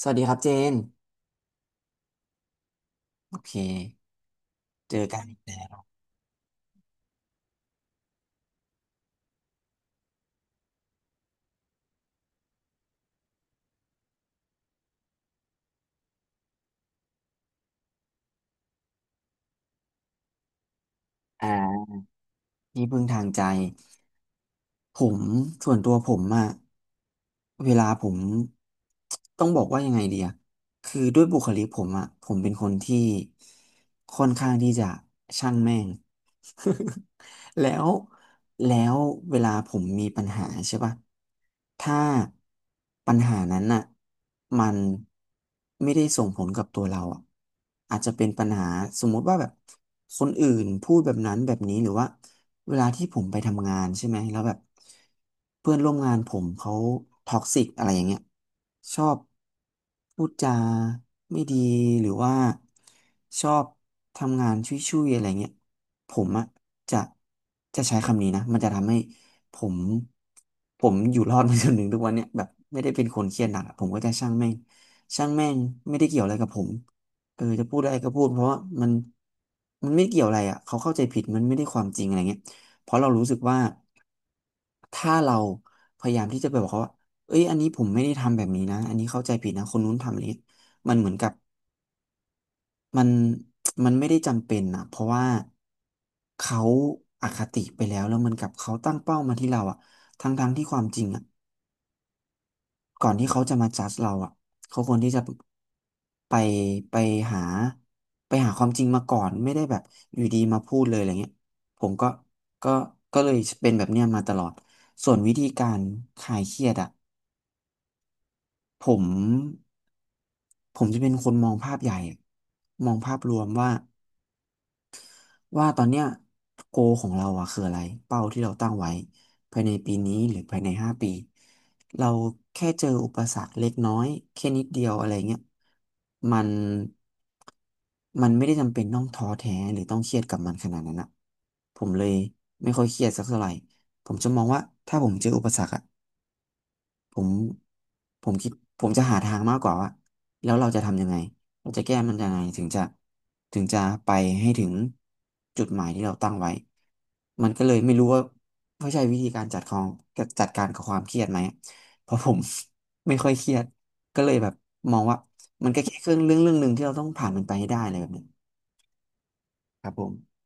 สวัสดีครับเจนโอเคเจอกันอีกแล้วอ่าที่พึ่งทางใจ ผมส่วนตัวผมอะเวลาผมต้องบอกว่ายังไงดีอะคือด้วยบุคลิกผมอะผมเป็นคนที่ค่อนข้างที่จะช่างแม่ง แล้วแล้วเวลาผมมีปัญหาใช่ป่ะถ้าปัญหานั้นน่ะมันไม่ได้ส่งผลกับตัวเราอะอาจจะเป็นปัญหาสมมุติว่าแบบคนอื่นพูดแบบนั้นแบบนี้หรือว่า เวลาที่ผมไปทำงานใช่ไหมแล้วแบบเพื่อนร่วมงานผมเขาท็อกซิกอะไรอย่างเงี้ยชอบพูดจาไม่ดีหรือว่าชอบทำงานชุยๆอะไรเงี้ยผมอะจะจะใช้คำนี้นะมันจะทำให้ผมผมอยู่รอดมาจนถึงทุกวันเนี้ยแบบไม่ได้เป็นคนเครียดหนักอะผมก็จะช่างแม่งช่างแม่งไม่ได้เกี่ยวอะไรกับผมเออจะพูดอะไรก็พูดเพราะว่ามันไม่เกี่ยวอะไรอ่ะเขาเข้าใจผิดมันไม่ได้ความจริงอะไรเงี้ย เพราะเรารู้สึกว่าถ้าเราพยายามที่จะไปบอกเขาว่าเอ้ยอันนี้ผมไม่ได้ทำแบบนี้นะอันนี้เข้าใจผิดนะคนนู้นทำอันนี้มันเหมือนกับมันมันไม่ได้จำเป็นนะเพราะว่าเขาอคติไปแล้วแล้วเหมันกับเขาตั้งเป้ามาที่เราอะทั้งๆที่ความจริงอะ ก่อนที่เขาจะมาจัดเราอ่ะเขาควรที่จะไปไปหาไปหาความจริงมาก่อนไม่ได้แบบอยู่ดีมาพูดเลยอะไรเงี้ยผมก็ก็เลยเป็นแบบเนี้ยมาตลอดส่วนวิธีการคลายเครียดอ่ะผมผมจะเป็นคนมองภาพใหญ่มองภาพรวมว่าตอนเนี้ยโกของเราอะคืออะไรเป้าที่เราตั้งไว้ภายในปีนี้หรือภายใน5 ปีเราแค่เจออุปสรรคเล็กน้อยแค่นิดเดียวอะไรเงี้ยมันมันไม่ได้จำเป็นต้องท้อแท้หรือต้องเครียดกับมันขนาดนั้นอะผมเลยไม่ค่อยเครียดสักเท่าไหร่ผมจะมองว่าถ้าผมเจออุปสรรคอะ ผมผมคิดผมจะหาทางมากกว่าว่าแล้วเราจะทำยังไงเราจะแก้มันยังไงถึงจะไปให้ถึงจุดหมายที่เราตั้งไว้มันก็เลยไม่รู้ว่าเขาใช้วิธีการจัดของจัดการกับความเครียดไหมเพราะผม ไม่ค่อยเครียดก็เลยแบบมองว่ามันก็แค่เรื่องหนึ่งที่เราต้องผ่านมันไปให้ได้อะไรแบบเนี้ยครับผม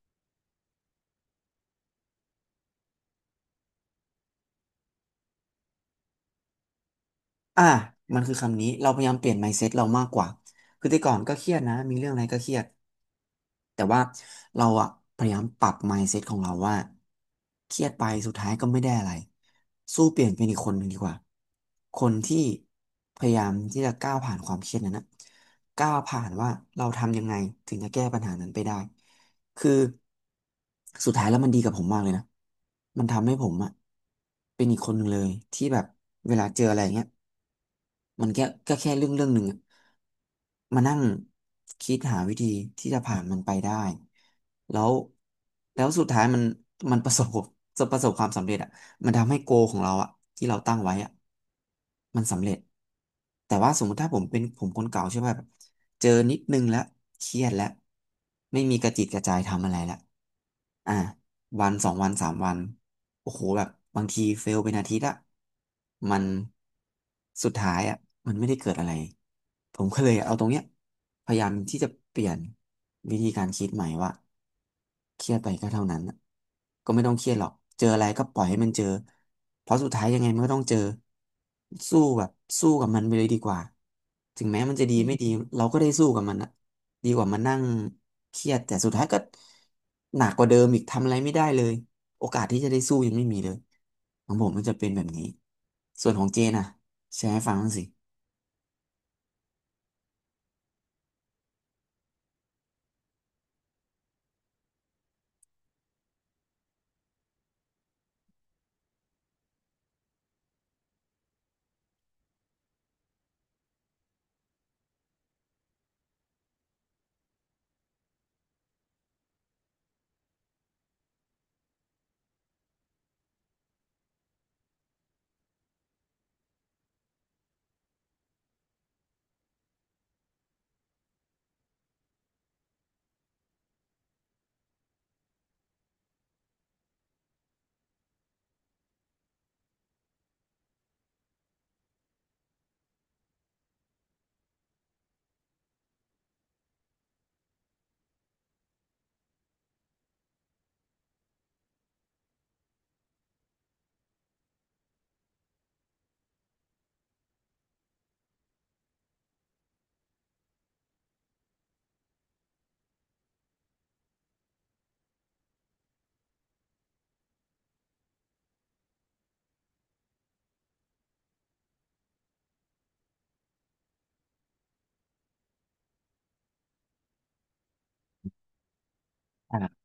อ่ะมันคือคำนี้เราพยายามเปลี่ยน mindset เรามากกว่าคือแต่ก่อนก็เครียดนะมีเรื่องอะไรก็เครียด แต่ว่าเราอะพยายามปรับ mindset ของเราว่าเครียดไปสุดท้ายก็ไม่ได้อะไรสู้เปลี่ยนเป็นอีกคนหนึ่งดีกว่าคนที่พยายามที่จะก้าวผ่านความเครียดนั้นนะก้าวผ่านว่าเราทำยังไงถึงจะแก้ปัญหานั้นไปได้คือสุดท้ายแล้วมันดีกับผมมากเลยนะมันทำให้ผมอะเป็นอีกคนหนึ่งเลยที่แบบเวลาเจออะไรอย่างเงี้ย มันแค่เรื่องหนึ่งอะมานั่งคิดหาวิธีที่จะผ่านมันไปได้แล้วแล้วสุดท้ายมันมันประสบจะประสบความสำเร็จอ่ะมันทำให้โกของเราอ่ะที่เราตั้งไว้อ่ะมันสำเร็จแต่ว่าสมมติถ้าผมเป็นผมคนเก่าใช่ไหมแบบเจอนิดนึงแล้วเครียดแล้วไม่มีกระจิตกระใจทำอะไรแล้วอ่า วัน2 วัน3 วันโอ้โหแบบบางทีเฟลเป็นอาทิตย์อะมันสุดท้ายอะมันไม่ได้เกิดอะไรผมก็เลยเอาตรงเนี้ยพยายามที่จะเปลี่ยนวิธีการคิดใหม่ว่าเครียดไปก็เท่านั้นอะก็ไม่ต้องเครียดหรอกเจออะไรก็ปล่อยให้มันเจอเพราะสุดท้ายยังไงมันก็ต้องเจอสู้แบบสู้กับมันไปเลยดีกว่าถึงแม้มันจะดีไม่ดีเราก็ได้สู้กับมันอะ ดีกว่ามานั่งเครียดแต่สุดท้ายก็หนักกว่าเดิมอีกทำอะไรไม่ได้เลยโอกาสที่จะได้สู้ยังไม่มีเลยของผมมันจะเป็นแบบนี้ส่วนของเจนอ่ะแชร์ให้ฟังบ้างสิอ่า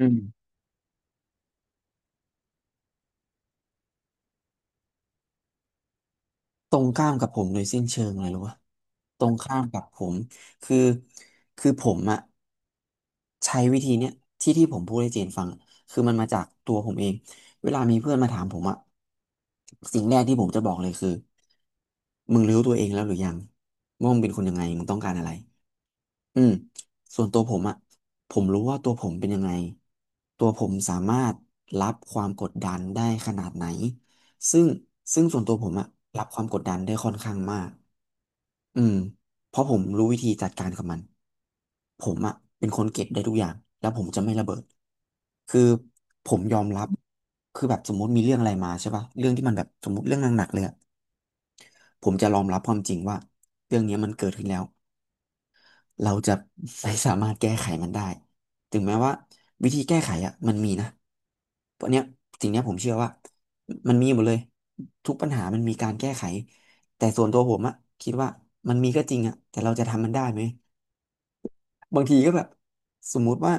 อืมตรงข้ามกับผมโดยสิ้นเชิงเลยรู้ปะตรงข้ามกับผมคือผมอะ ใช้วิธีเนี้ยที่ผมพูดให้เจนฟังอะคือมันมาจากตัวผมเองเวลามีเพื่อนมาถามผมอะสิ่งแรกที่ผมจะบอกเลยคือมึงรู้ตัวเองแล้วหรือยังว่ามึงเป็นคนยังไงมึงต้องการอะไรอืมส่วนตัวผมอะผมรู้ว่าตัวผมเป็นยังไงตัวผมสามารถรับความกดดันได้ขนาดไหนซึ่งซึ่งส่วนตัวผมอะรับความกดดันได้ค่อนข้างมาก อืมเพราะผมรู้วิธีจัดการกับมันผมอะเป็นคนเก็บได้ทุกอย่างแล้วผมจะไม่ระเบิดคือผมยอมรับคือแบบสมมติมีเรื่องอะไรมาใช่ป่ะเรื่องที่มันแบบสมมติเรื่องหนักๆเลยอะผมจะยอมรับความจริงว่าเรื่องเนี้ยมันเกิดขึ้นแล้ว เราจะไม่สามารถแก้ไขมันได้ถึงแม้ว่าวิธีแก้ไขอ่ะมันมีนะเพราะเนี้ยสิ่งเนี้ยผมเชื่อว่ามันมีหมดเลยทุกปัญหามันมีการแก้ไขแต่ส่วนตัวผมอ่ะคิดว่ามันมีก็จริงอ่ะแต่เราจะทำมันได้ไหมบางทีก็แบบสมมุติว่า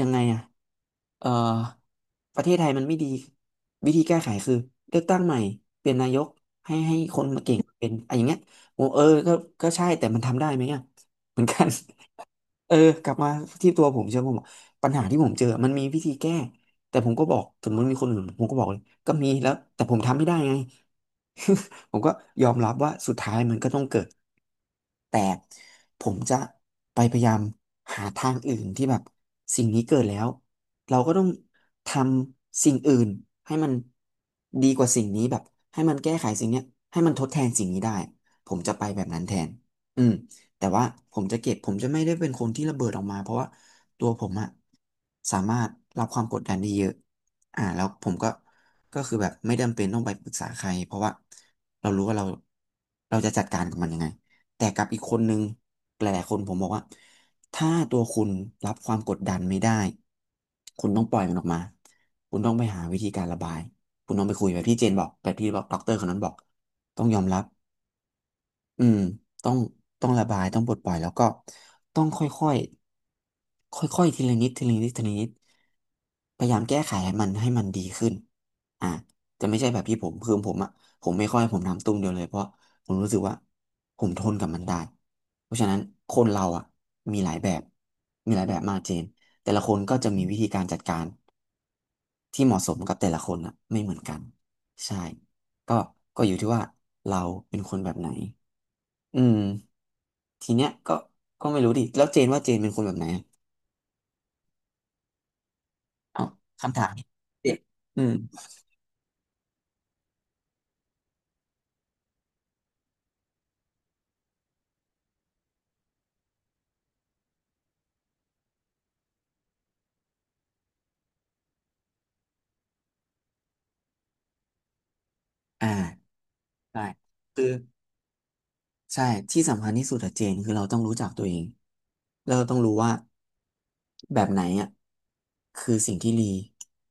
ยังไงอ่ะเอ่อประเทศไทยมันไม่ดีวิธีแก้ไขคือเลือกตั้งใหม่เปลี่ยนนายกให้คนมาเก่งเป็นอะไรอย่างเงี้ยโอ้เออก็ก็ใช่แต่มันทำได้ไหมอ่ะเหมือนกัน เออกลับมาที่ตัวผมเชื่อผมปัญหาที่ผมเจอมันมีวิธีแก้แต่ผมก็บอกถึงมันมีคนอื่นผมก็บอกเลยก็มีแล้วแต่ผมทำไม่ได้ไง ผมก็ยอมรับว่าสุดท้ายมันก็ต้องเกิดแต่ผมจะไปพยายามหาทางอื่นที่แบบสิ่งนี้เกิดแล้วเราก็ต้องทำสิ่งอื่นให้มันดีกว่าสิ่งนี้แบบให้มันแก้ไขสิ่งเนี้ยให้มันทดแทนสิ่งนี้ได้ผมจะไปแบบนั้นแทนอืม แต่ว่าผมจะเก็บผมจะไม่ได้เป็นคนที่ระเบิดออกมาเพราะว่าตัวผมอะสามารถรับความกดดันได้เยอะอ่าแล้วผมก็ก็คือแบบไม่จำเป็นต้องไปปรึกษาใครเพราะว่าเรารู้ว่าเราจะจัดการกับมันยังไงแต่กับอีกคนนึงหลายๆคนผมบอกว่าถ้าตัวคุณรับความกดดันไม่ได้คุณต้องปล่อยมันออกมาคุณต้องไปหาวิธีการระบายคุณต้องไปคุยแบบที่เจนบอกแบบที่ด็อกเตอร์คนนั้นบอกต้องยอมรับ อืมต้องต้องระบาย ต้องปลดปล่อยแล้วก็ต้องค่อยค่อยค่อยค่อยๆทีละนิดทีละนิดทีละนิดพยายามแก้ไขให้มันดีขึ้นอ่ะแต่ไม่ใช่แบบที่ผมคือผมอ่ะผมไม่ค่อยผมทำตุ้มเดียวเลยเพราะผมรู้สึกว่าผมทนกับมันได้เพราะฉะนั้นคนเราอ่ะมีหลายแบบมีหลายแบบมากเจนแต่ละคนก็จะมีวิธีการจัดการที่เหมาะสมกับแต่ละคนอ่ะไม่เหมือนกันใช่ก็ก็อยู่ที่ว่าเราเป็นคนแบบไหนอืม ทีเนี้ยก็ก็ไม่รู้ดิแล้วเจนว่าเจนเป็นคนแบบไหนอะเอาคำถามนี้เด็กอืมอ่าได้คือใช่ที่สำคัญที่สุดอะเจนคือเราต้องรู้จักตัวเองแล้วเราต้องรู้ว่าแบบไหนอะคือสิ่งที่ดี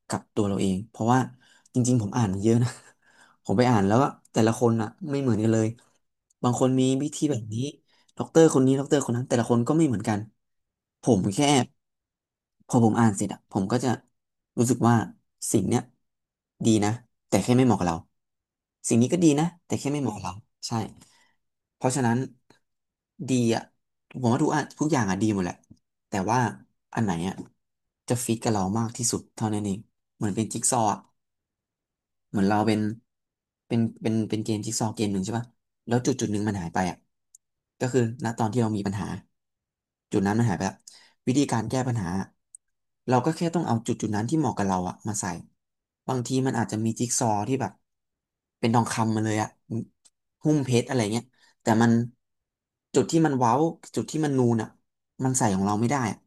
กับตัวเราเองเพราะว่าจริงๆผมอ่านมเยอะนะ ผมไปอ่านแล้วก็แต่ละคนอะไม่เหมือนกันเลยบางคนมีวิธีแบบนี้ ด็อกเตอร์คนนี้ด็อกเตอร์คนนั้นแต่ละคนก็ไม่เหมือนกันผมแค่พอผมอ่านเสร็จอะผมก็จะรู้สึกว่าสิ่งเนี้ยดีนะแต่แค่ไม่เหมาะกับเราสิ่งนี้ก็ดีนะแต่แค่ไม่เหมาะกับเราใช่เพราะฉะนั้นดีอะผมว่าทุกอะทุกอย่างอะดีหมดแหละแต่ว่าอันไหนอะจะฟิตกับเรามากที่สุดเท่านั้นเองเหมือนเป็นจิ๊กซอว์อะ เหมือนเราเป็นเป็นเกมจิ๊กซอว์เกมหนึ่งใช่ป่ะแล้วจุดจุดหนึ่งมันหายไปอ่ะก็คือณตอนที่เรามีปัญหาจุดนั้นมันหายไปละวิธีการแก้ปัญหาเราก็แค่ต้องเอาจุดจุดนั้นที่เหมาะกับเราอ่ะมาใส่บางทีมันอาจจะมีจิ๊กซอว์ที่แบบเป็นทองคำมาเลยอ่ะหุ้มเพชรอะไรเงี้ยแต่มันจุดที่มันเว้าจุดที่มันนูนอ่ะมันใส่ของเราไม่ได้อะ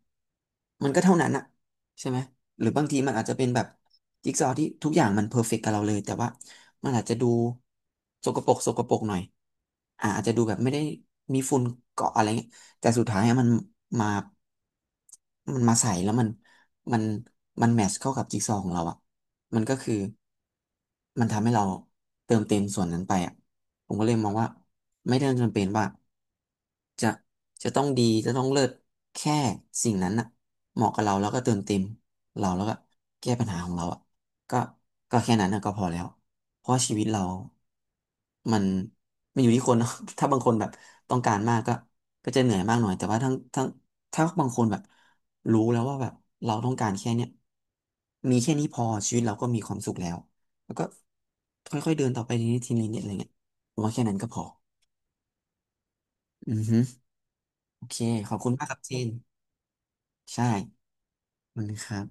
มันก็เท่านั้นอ่ะใช่ไหม หรือบางทีมันอาจจะเป็นแบบจิ๊กซอว์ที่ทุกอย่างมันเพอร์เฟกต์กับเราเลยแต่ว่ามันอาจจะดูสกปรกสกปรกหน่อยอ่าอาจจะดูแบบไม่ได้มีฝุ่นเกาะอะไรเงี้ยแต่สุดท้ายอะมันมามันมาใส่แล้วมันมันมันแมทช์เข้ากับจิ๊กซอว์ของเราอ่ะมันก็คือมันทำให้เราเติมเต็มส่วนนั้นไปอ่ะผมก็เลยมองว่าไม่ได้จำเป็นว่า จะจะต้องดีจะต้องเลิศแค่สิ่งนั้นน่ะเหมาะกับเราแล้วก็เติมเต็มเราแล้วก็แก้ปัญหาของเราอ่ะก็ก็แค่นั้นน่ะก็พอแล้วเพราะชีวิตเรา มันมันอยู่ที่คนเนอะ ถ้าบางคนแบบต้องการมากก็ก็จะเหนื่อยมากหน่อยแต่ว่าทั้งทั้งถ้าบางคนแบบรู้แล้วว่าแบบเราต้องการแค่เนี้ยมีแค่นี้พอชีวิตเราก็มีความสุขแล้วแล้วก็ค่อยๆเดินต่อไปทีนี้เนี่ยอะไรเงี้ยผมว่าแค่นั้นก็พออือฮึ โอเค ขอบคุณมากครับเจนใช่มันครับ